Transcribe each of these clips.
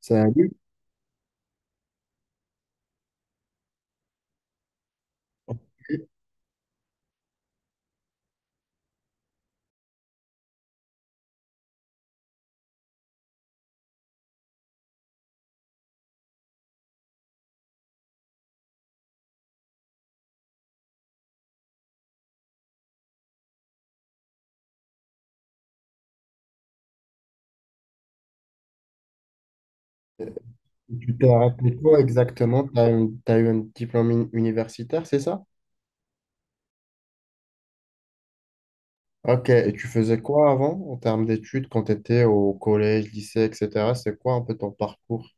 C'est un livre. Tu t'es arrêté quoi exactement? Tu as, eu t'as eu un diplôme universitaire, c'est ça? Ok, et tu faisais quoi avant en termes d'études quand tu étais au collège, lycée, etc.? C'est quoi un peu ton parcours?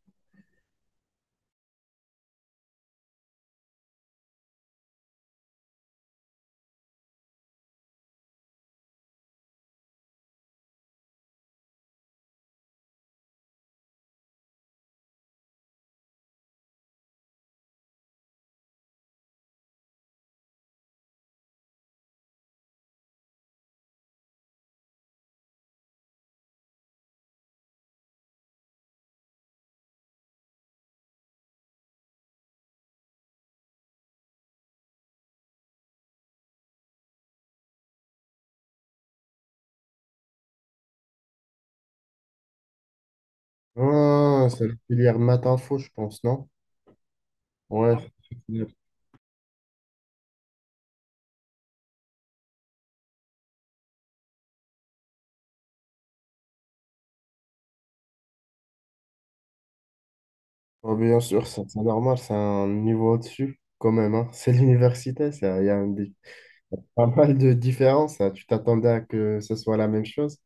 Ah, c'est la filière maths info, je pense, non? Ouais. Ah, bien sûr, c'est normal, c'est un niveau au-dessus quand même, hein. C'est l'université, ça, il y a pas mal de différences, hein. Tu t'attendais à que ce soit la même chose?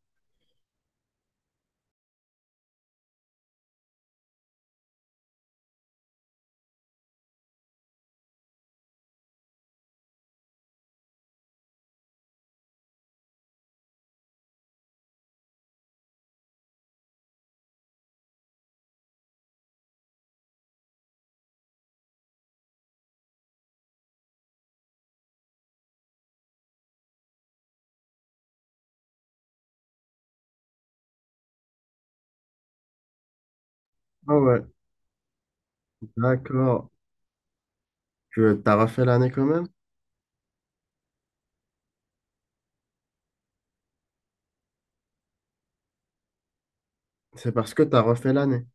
Ah ouais, d'accord. Tu as refait l'année quand même? C'est parce que tu as refait l'année.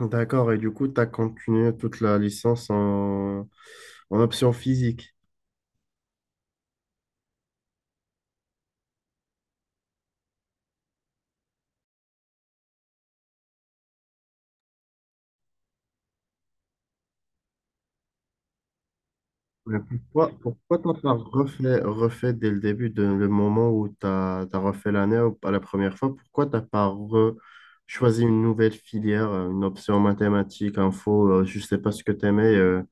D'accord, et du coup, tu as continué toute la licence en, option physique. Mais pourquoi t'en as refait dès le début, de, le moment où tu as, refait l'année ou pas la première fois, pourquoi t'as pas choisi une nouvelle filière, une option mathématiques, info, je sais pas ce que t'aimais,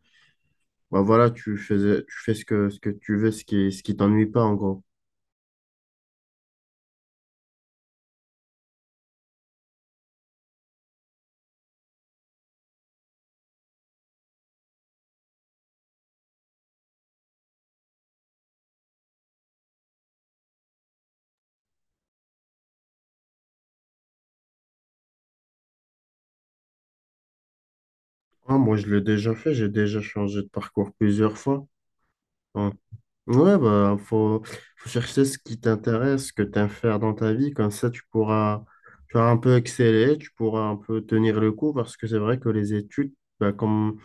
bah voilà, tu faisais, tu fais ce que, tu veux, ce qui t'ennuie pas en gros. Ah, moi, je l'ai déjà fait, j'ai déjà changé de parcours plusieurs fois. En Ouais, bah, faut chercher ce qui t'intéresse, ce que tu aimes faire dans ta vie. Comme ça, tu pourras, tu vas un peu exceller, tu pourras un peu tenir le coup parce que c'est vrai que les études, bah, comme,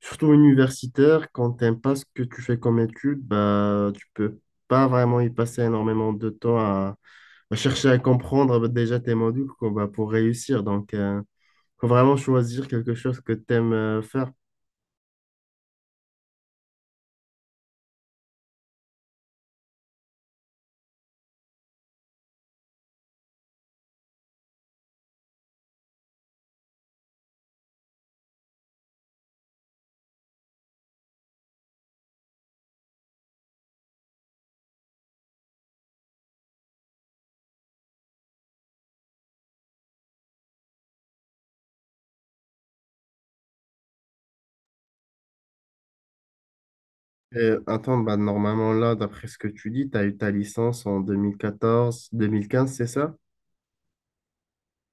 surtout universitaires, quand tu n'aimes pas ce que tu fais comme études, bah, tu peux pas vraiment y passer énormément de temps à chercher à comprendre bah, déjà tes modules quoi, bah, pour réussir. Donc, faut vraiment choisir quelque chose que tu aimes faire. Attends, bah, normalement, là, d'après ce que tu dis, tu as eu ta licence en 2014-2015, c'est ça?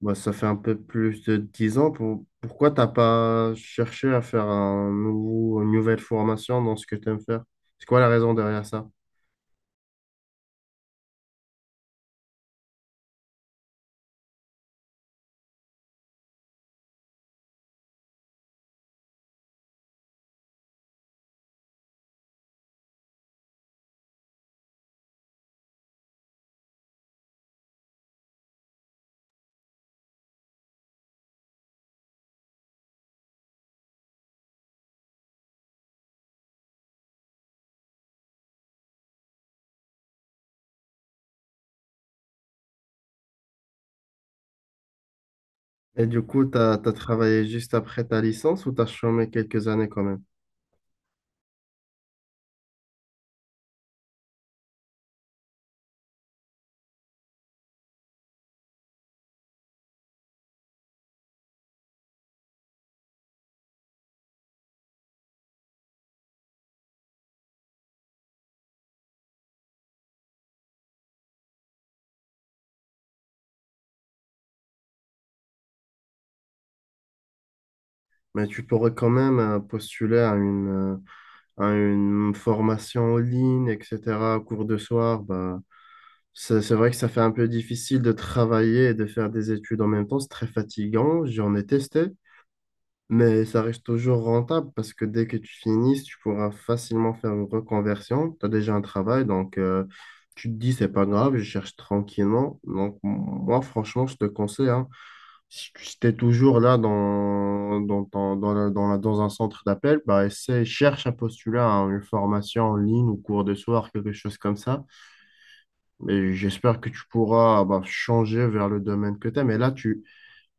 Bah, ça fait un peu plus de 10 ans. Pourquoi t'as pas cherché à faire un nouveau, une nouvelle formation dans ce que tu aimes faire? C'est quoi la raison derrière ça? Et du coup, tu as, travaillé juste après ta licence ou tu as chômé quelques années quand même? Mais tu pourrais quand même postuler à une formation en ligne, etc., cours de soir. Bah, C'est vrai que ça fait un peu difficile de travailler et de faire des études en même temps. C'est très fatigant. J'en ai testé, mais ça reste toujours rentable parce que dès que tu finis, tu pourras facilement faire une reconversion. Tu as déjà un travail, donc tu te dis, c'est pas grave, je cherche tranquillement. Donc, moi, franchement, je te conseille, hein, si tu es toujours là dans, dans, ton- dans, la- dans la- dans un centre d'appel, bah, essaie, cherche à postuler à une formation en ligne ou cours de soir, quelque chose comme ça. Et j'espère que tu pourras bah, changer vers le domaine que tu aimes. Et là, tu,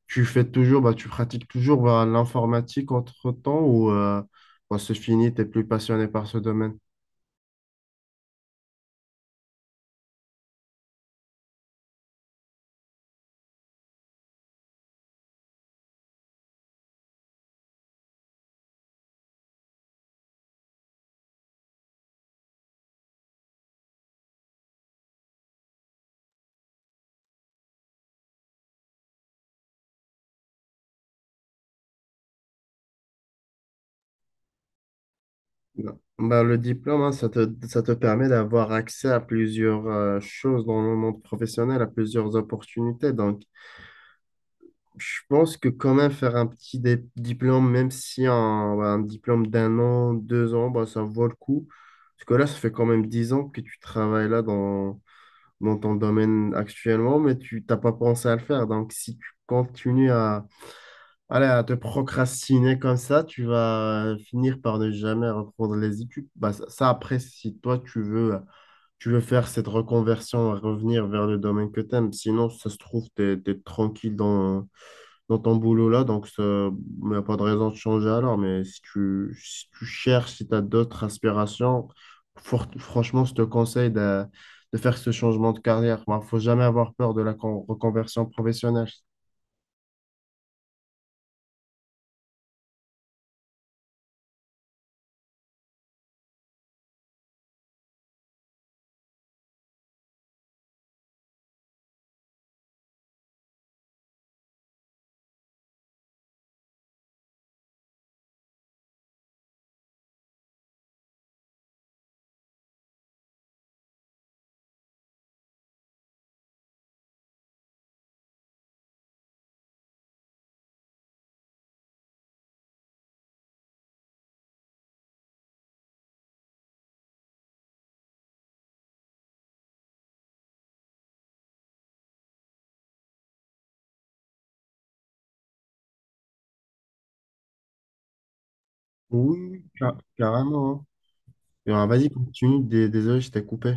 tu fais toujours, bah, tu pratiques toujours bah, l'informatique entre-temps ou bah, c'est fini, tu plus passionné par ce domaine? Non. Bah, le diplôme, hein, ça te permet d'avoir accès à plusieurs choses dans le monde professionnel, à plusieurs opportunités. Donc, je pense que quand même faire un petit diplôme, même si un, bah, un diplôme d'1 an, 2 ans, bah, ça vaut le coup. Parce que là, ça fait quand même 10 ans que tu travailles là dans, ton domaine actuellement, mais tu t'as pas pensé à le faire. Donc, si tu continues à, allez, à te procrastiner comme ça, tu vas finir par ne jamais reprendre les études. Bah, ça, après, si toi, tu veux faire cette reconversion, revenir vers le domaine que t'aimes. Sinon, ça se trouve, t'es, tranquille dans ton boulot là, donc ça, il n'y a pas de raison de changer alors. Mais si tu, cherches, si tu as d'autres aspirations, franchement, je te conseille de faire ce changement de carrière. Il ne faut jamais avoir peur de la reconversion professionnelle. Oui, oui, carrément, hein. Et, vas-y, continue. Désolé, je t'ai coupé.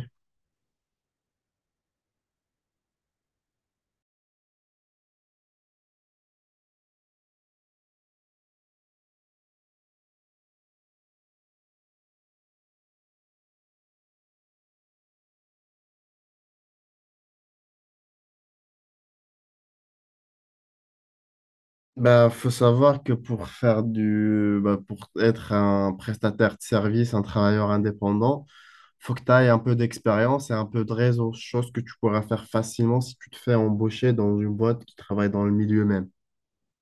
Bah, faut savoir que pour faire du, bah, pour être un prestataire de service, un travailleur indépendant, faut que tu ailles un peu d'expérience et un peu de réseau, chose que tu pourras faire facilement si tu te fais embaucher dans une boîte qui travaille dans le milieu même.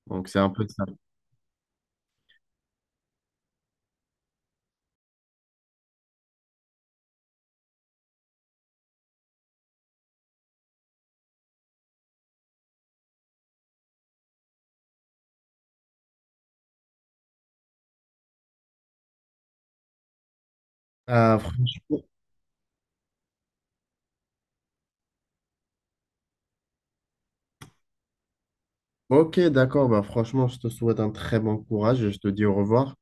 Donc, c'est un peu ça. Ah, franchement, ok, d'accord. Bah, franchement, je te souhaite un très bon courage et je te dis au revoir.